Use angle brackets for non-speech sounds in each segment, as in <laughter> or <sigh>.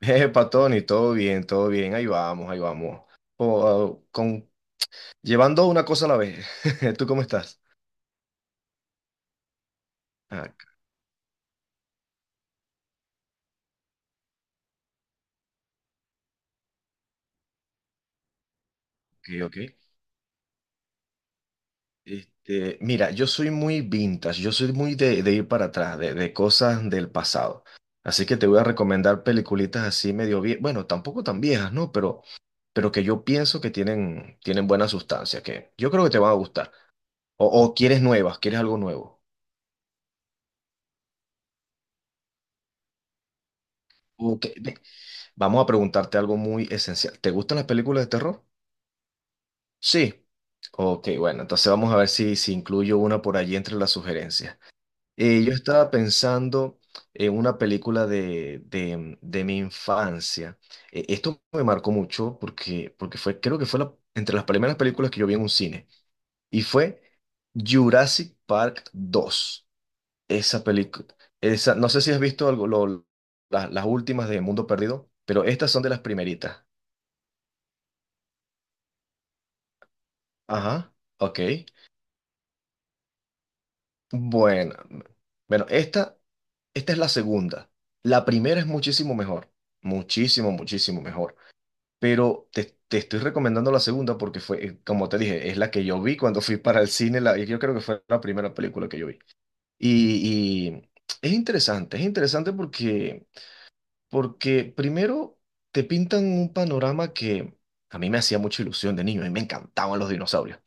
Epa, Tony, todo bien, ahí vamos, ahí vamos. Po- con, Llevando una cosa a la vez. <laughs> ¿Tú cómo estás? Ah, ok, ok. Mira, yo soy muy vintage, yo soy muy de ir para atrás, de cosas del pasado. Así que te voy a recomendar peliculitas así medio viejas, bueno, tampoco tan viejas, ¿no? Pero que yo pienso que tienen buena sustancia, que yo creo que te van a gustar. O quieres nuevas, quieres algo nuevo. Ok, ve. Vamos a preguntarte algo muy esencial. ¿Te gustan las películas de terror? Sí. Ok, bueno, entonces vamos a ver si incluyo una por allí entre las sugerencias. Yo estaba pensando en una película de mi infancia. Esto me marcó mucho porque fue, creo que fue entre las primeras películas que yo vi en un cine. Y fue Jurassic Park dos. Esa película, no sé si has visto algo, las últimas de Mundo Perdido, pero estas son de las primeritas. Ajá, ok. Bueno, bueno, esta es la segunda. La primera es muchísimo mejor, muchísimo mejor. Pero te estoy recomendando la segunda porque fue, como te dije, es la que yo vi cuando fui para el cine. La, yo creo que fue la primera película que yo vi. Y es interesante porque primero te pintan un panorama que a mí me hacía mucha ilusión de niño, a mí me encantaban los dinosaurios.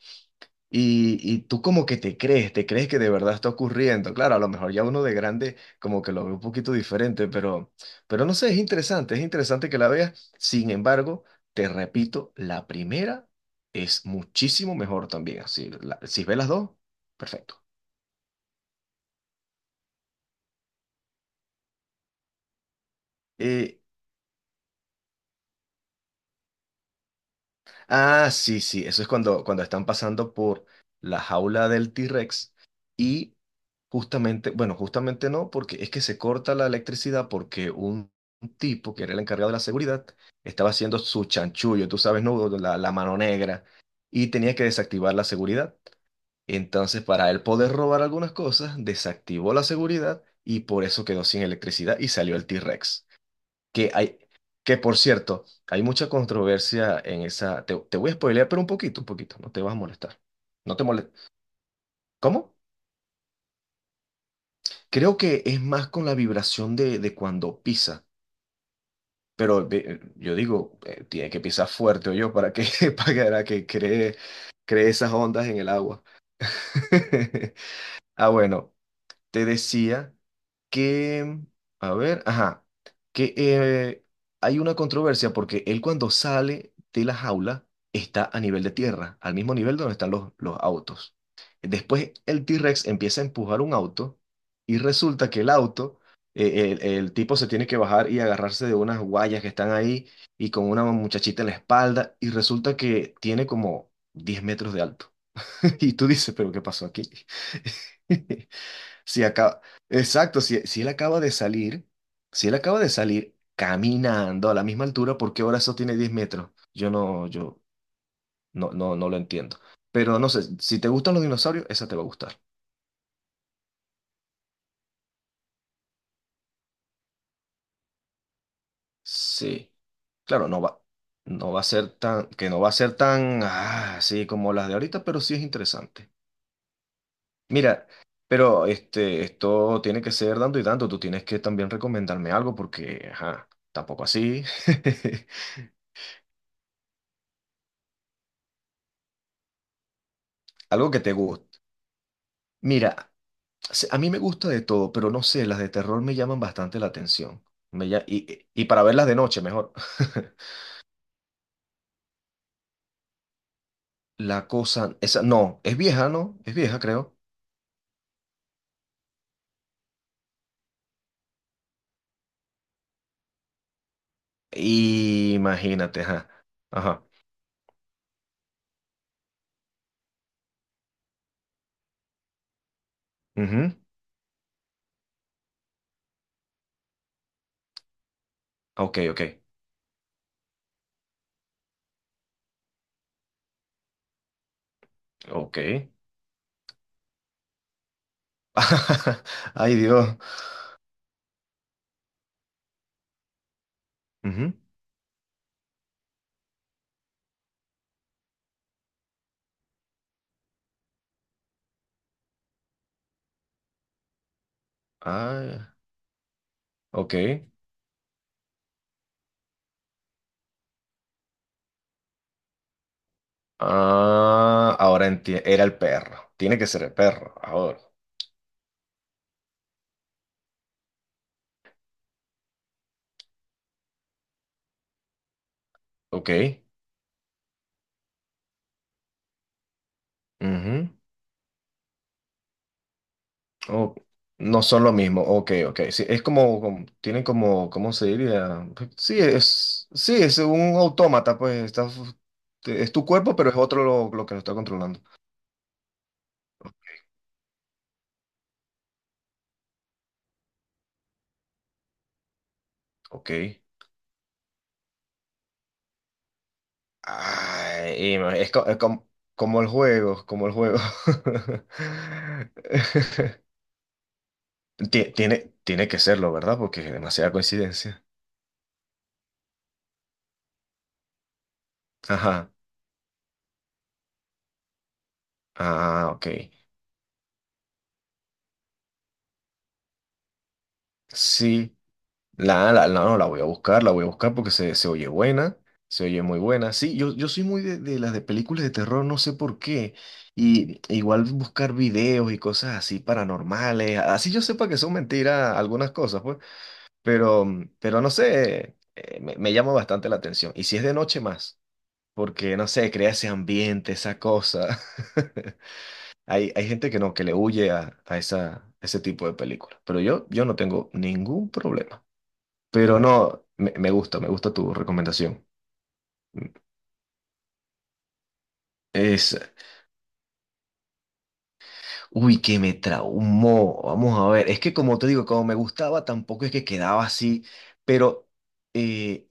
Y tú como que te crees que de verdad está ocurriendo. Claro, a lo mejor ya uno de grande como que lo ve un poquito diferente, pero no sé, es interesante que la veas. Sin embargo, te repito, la primera es muchísimo mejor también. Si, si ves las dos, perfecto. Eh, Ah, sí, sí, eso es cuando están pasando por la jaula del T-Rex y justamente, bueno, justamente no, porque es que se corta la electricidad porque un tipo que era el encargado de la seguridad estaba haciendo su chanchullo, tú sabes, ¿no? La mano negra y tenía que desactivar la seguridad. Entonces, para él poder robar algunas cosas, desactivó la seguridad y por eso quedó sin electricidad y salió el T-Rex. Que hay, que por cierto, hay mucha controversia en esa. Te voy a spoilear, pero un poquito, no te vas a molestar. No te molest... ¿Cómo? Creo que es más con la vibración de cuando pisa. Pero ve- yo digo, tiene que pisar fuerte o yo para que, <laughs> para que cree esas ondas en el agua. <laughs> Ah, bueno. Te decía que, a ver, ajá, que hay una controversia porque él cuando sale de la jaula está a nivel de tierra, al mismo nivel donde están los autos. Después el T-Rex empieza a empujar un auto y resulta que el auto, el tipo se tiene que bajar y agarrarse de unas guayas que están ahí y con una muchachita en la espalda y resulta que tiene como 10 metros de alto. <laughs> Y tú dices, pero ¿qué pasó aquí? <laughs> Si acaba, exacto, si, si él acaba de salir, si él acaba de salir caminando a la misma altura, ¿por qué ahora eso tiene 10 metros? Yo no, yo no, no, no lo entiendo. Pero no sé, si te gustan los dinosaurios, esa te va a gustar. Sí. Claro, no va a ser tan, que no va a ser tan ah, así como las de ahorita, pero sí es interesante. Mira, pero este, esto tiene que ser dando y dando. Tú tienes que también recomendarme algo porque, ajá, tampoco así. <laughs> Algo que te guste. Mira. A mí me gusta de todo, pero no sé, las de terror me llaman bastante la atención. Y para verlas de noche, mejor. <laughs> La cosa, esa, no, es vieja, ¿no? Es vieja, creo. Imagínate, ajá. Ajá. Ujú. Ok, ok. Ok. <laughs> Ay, Dios. Ujú. Ay, ok. Ah, ahora entiendo. Era el perro. Tiene que ser el perro. Ahora. Ok. Ujú. Oh, no son lo mismo. Ok, ok. Sí, es como, tienen como, ¿cómo se diría? Sí, es un autómata, pues está, es tu cuerpo, pero es otro lo que lo está controlando. Ok. Ay, ima- es, co- es com- como el juego, como el juego. <laughs> Tiene que serlo, ¿verdad? Porque es demasiada coincidencia. Ajá. Ah, ok. Sí. No, la voy a buscar, la voy a buscar porque se oye buena, se oye muy buena. Sí, yo soy muy de las de películas de terror, no sé por qué. Y e igual buscar videos y cosas así paranormales, así yo sepa que son mentiras algunas cosas, pues, pero no sé, me llama bastante la atención. Y si es de noche más, porque no sé, crea ese ambiente, esa cosa. <laughs> Hay gente que no, que le huye a esa, ese tipo de películas, pero yo no tengo ningún problema. Pero no, me gusta tu recomendación. Es, uy, que me traumó. Vamos a ver, es que como te digo, como me gustaba, tampoco es que quedaba así, pero eh,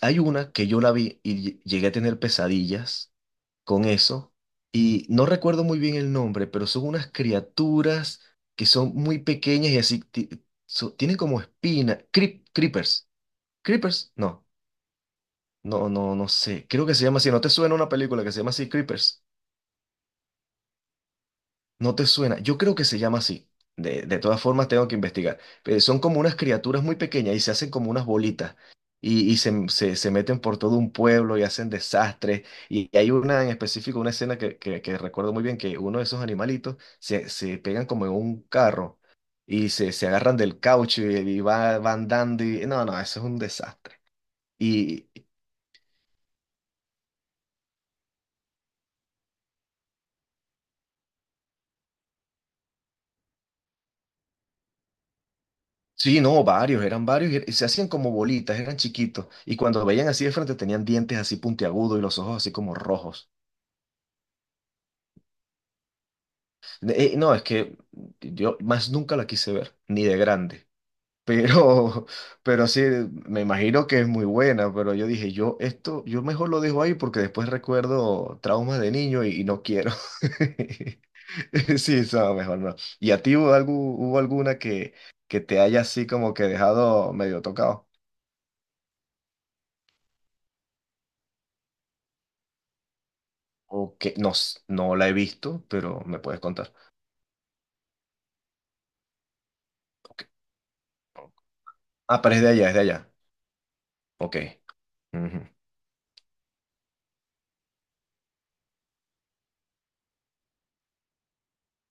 hay una que yo la vi y llegué a tener pesadillas con eso, y no recuerdo muy bien el nombre, pero son unas criaturas que son muy pequeñas y así, tienen como espina, creepers, creepers, no, no, no, no sé, creo que se llama así, ¿no te suena una película que se llama así, creepers? No te suena. Yo creo que se llama así. De todas formas, tengo que investigar. Pero son como unas criaturas muy pequeñas y se hacen como unas bolitas. Se meten por todo un pueblo y hacen desastres. Y hay una en específico, una escena que recuerdo muy bien, que uno de esos animalitos se pegan como en un carro y se agarran del caucho y va, van andando. Y, no, no, eso es un desastre. Sí, no, varios, eran varios y se hacían como bolitas, eran chiquitos. Y cuando veían así de frente tenían dientes así puntiagudos y los ojos así como rojos. No, es que yo más nunca la quise ver, ni de grande. <laughs> Pero, pero sí, me imagino que es muy buena, pero yo dije, yo esto, yo mejor lo dejo ahí porque después recuerdo traumas de niño y no quiero. <laughs> Sí, no, mejor no. ¿Y a ti hubo, hubo alguna que te haya así como que dejado medio tocado? Ok, no, s- no la he visto, pero me puedes contar. Ok. Ah, pero es de allá, es de allá. Ok. Ujú.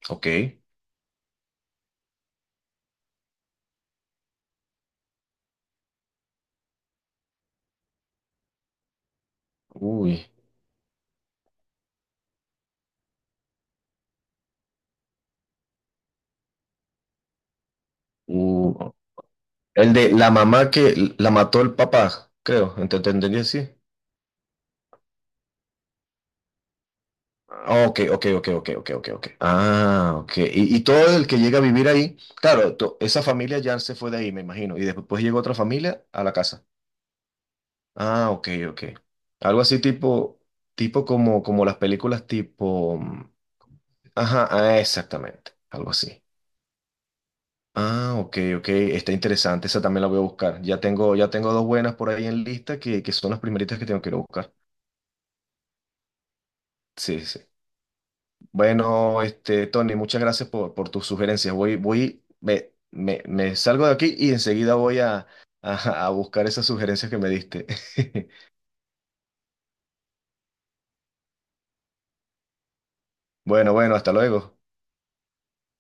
Ok. Uy. Uh, El de la mamá que la mató el papá, creo. Te entendí así? Ah, ok, ok, ok, ok, ok, ok, ok. Ah, ok. Y todo el que llega a vivir ahí, claro, esa familia ya se fue de ahí, me imagino. Y después llegó otra familia a la casa. Ah, ok, ok. Algo así tipo como, como las películas tipo. Mm. Ajá, ah, exactamente, algo así. Ah, ok, ok, está interesante, esa también la voy a buscar. Ya tengo dos buenas por ahí en lista que son las primeritas que tengo que ir a buscar. Sí, sí. Bueno, este, Tony, muchas gracias por tus sugerencias. Me salgo de aquí y enseguida voy a, <laughs> a buscar esas sugerencias que me diste. <laughs> Bueno, bueno, hasta luego.